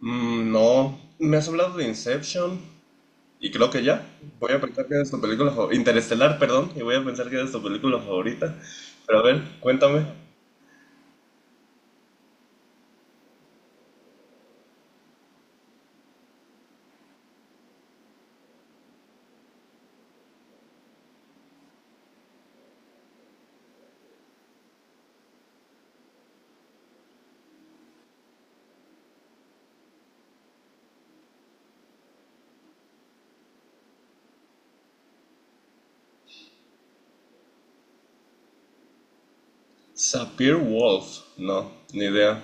Mm, no, me has hablado de Inception y creo que ya. Voy a pensar que es tu película favorita. Interestelar, perdón, y voy a pensar que es tu película favorita. Pero a ver, cuéntame. Sapir Wolf. No, ni idea.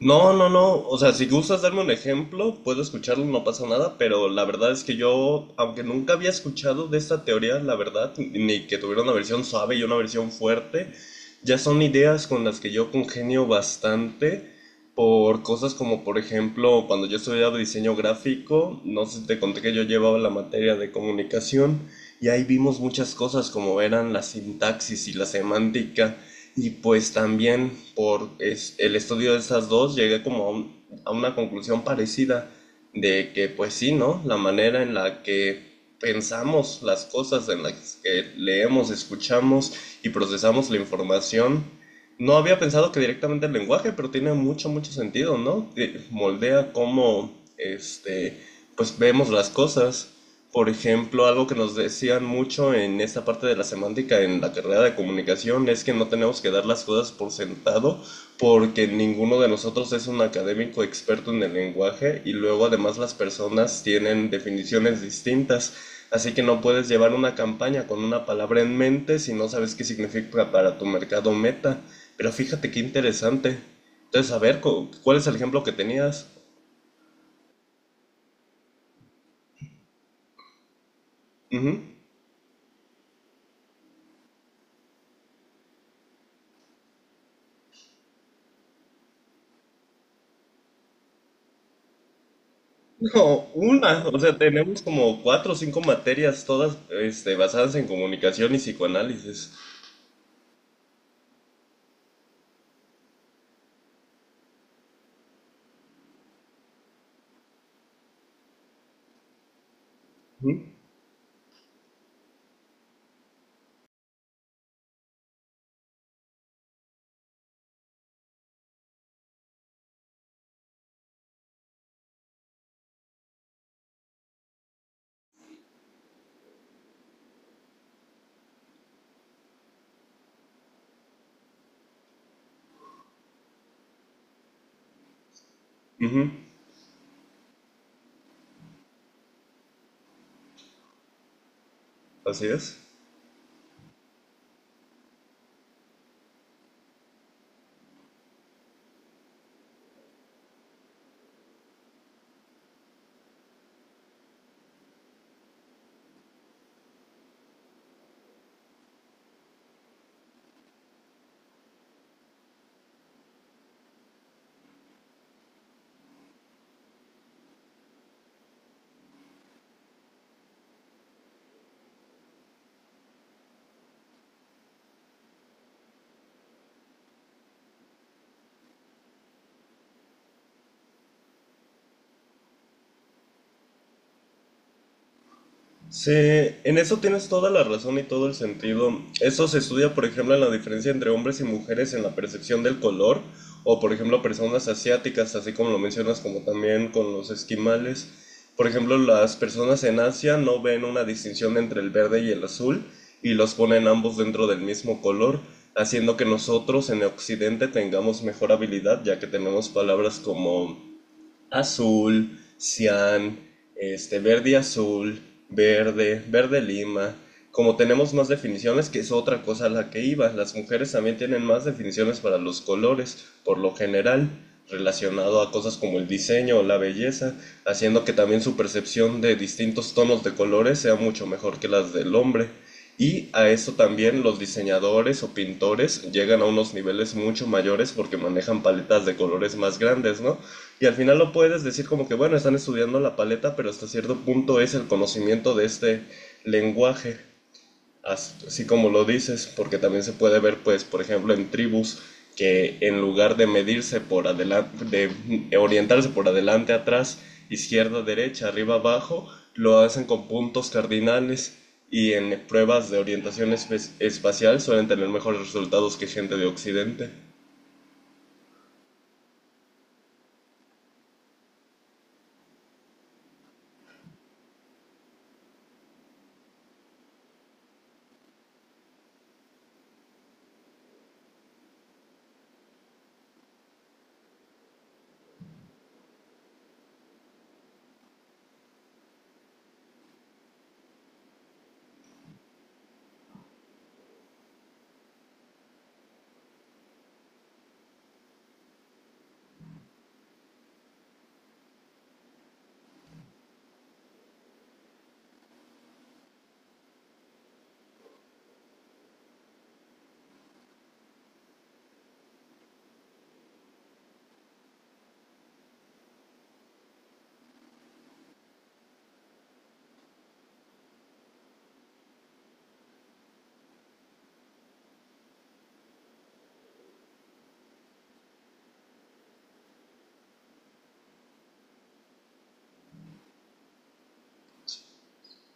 No, no, no. O sea, si gustas darme un ejemplo, puedo escucharlo, no pasa nada, pero la verdad es que yo, aunque nunca había escuchado de esta teoría, la verdad, ni que tuviera una versión suave y una versión fuerte, ya son ideas con las que yo congenio bastante por cosas como, por ejemplo, cuando yo estudiaba diseño gráfico, no sé si te conté que yo llevaba la materia de comunicación y ahí vimos muchas cosas como eran la sintaxis y la semántica. Y pues también por el estudio de esas dos llegué como a, a una conclusión parecida de que pues sí, ¿no? La manera en la que pensamos las cosas, en las que leemos, escuchamos y procesamos la información. No había pensado que directamente el lenguaje, pero tiene mucho, mucho sentido, ¿no? Moldea cómo, este, pues vemos las cosas. Por ejemplo, algo que nos decían mucho en esta parte de la semántica en la carrera de comunicación es que no tenemos que dar las cosas por sentado porque ninguno de nosotros es un académico experto en el lenguaje y luego además las personas tienen definiciones distintas, así que no puedes llevar una campaña con una palabra en mente si no sabes qué significa para tu mercado meta. Pero fíjate qué interesante. Entonces, a ver, ¿cuál es el ejemplo que tenías? Ujú. No, una, o sea, tenemos como cuatro o cinco materias todas, basadas en comunicación y psicoanálisis. Ujú, ujú, así es. Sí, en eso tienes toda la razón y todo el sentido. Eso se estudia, por ejemplo, en la diferencia entre hombres y mujeres en la percepción del color, o por ejemplo, personas asiáticas, así como lo mencionas, como también con los esquimales. Por ejemplo, las personas en Asia no ven una distinción entre el verde y el azul y los ponen ambos dentro del mismo color, haciendo que nosotros en Occidente tengamos mejor habilidad, ya que tenemos palabras como azul, cian, verde y azul, verde, verde lima. Como tenemos más definiciones, que es otra cosa a la que iba, las mujeres también tienen más definiciones para los colores, por lo general, relacionado a cosas como el diseño o la belleza, haciendo que también su percepción de distintos tonos de colores sea mucho mejor que las del hombre. Y a eso también los diseñadores o pintores llegan a unos niveles mucho mayores porque manejan paletas de colores más grandes, ¿no? Y al final lo puedes decir como que, bueno, están estudiando la paleta, pero hasta cierto punto es el conocimiento de este lenguaje, así como lo dices, porque también se puede ver, pues, por ejemplo, en tribus que en lugar de medirse por adelante, de orientarse por adelante, atrás, izquierda, derecha, arriba, abajo, lo hacen con puntos cardinales y en pruebas de orientación espacial suelen tener mejores resultados que gente de Occidente.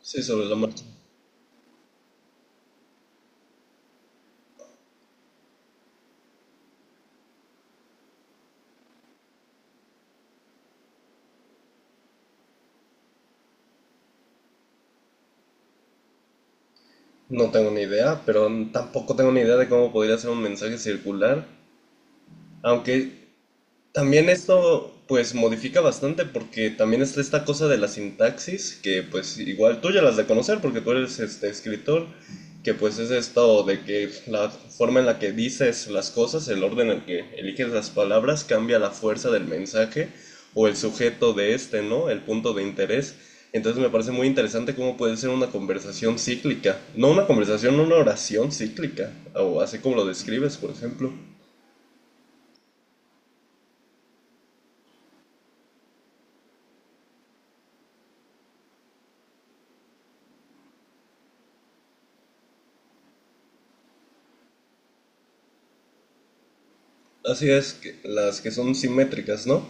Sí, sobre la marcha. No tengo ni idea, pero tampoco tengo ni idea de cómo podría ser un mensaje circular. Aunque también esto pues modifica bastante porque también está esta cosa de la sintaxis que pues igual tú ya las de conocer porque tú eres este escritor que pues es esto de que la forma en la que dices las cosas, el orden en el que eliges las palabras cambia la fuerza del mensaje o el sujeto de este, ¿no? El punto de interés. Entonces me parece muy interesante cómo puede ser una conversación cíclica, no una conversación, una oración cíclica, o así como lo describes, por ejemplo. Así es, las que son simétricas, ¿no?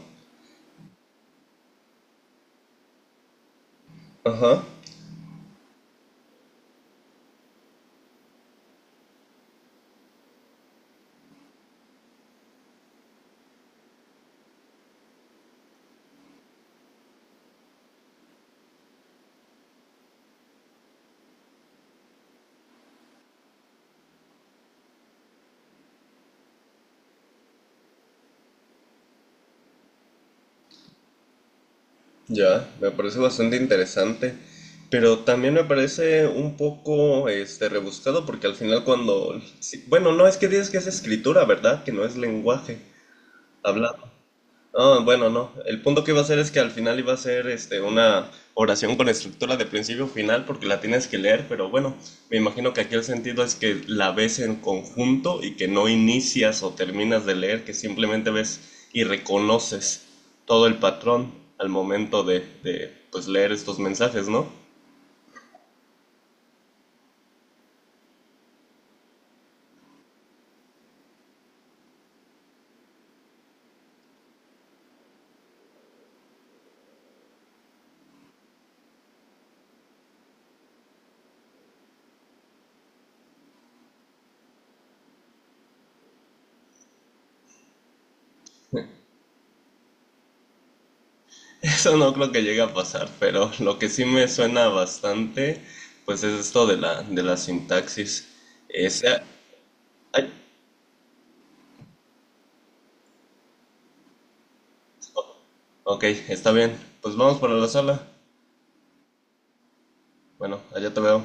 Ajá, ya, me parece bastante interesante, pero también me parece un poco, rebuscado porque al final cuando, sí, bueno, no es que digas que es escritura, ¿verdad? Que no es lenguaje hablado. Ah, bueno, no. El punto que iba a hacer es que al final iba a ser una oración con estructura de principio a final porque la tienes que leer, pero bueno, me imagino que aquí el sentido es que la ves en conjunto y que no inicias o terminas de leer, que simplemente ves y reconoces todo el patrón al momento de pues, leer estos mensajes, ¿no? Eso no creo que llegue a pasar, pero lo que sí me suena bastante, pues es esto de la sintaxis. Es, hay, ok, está bien. Pues vamos para la sala. Bueno, allá te veo.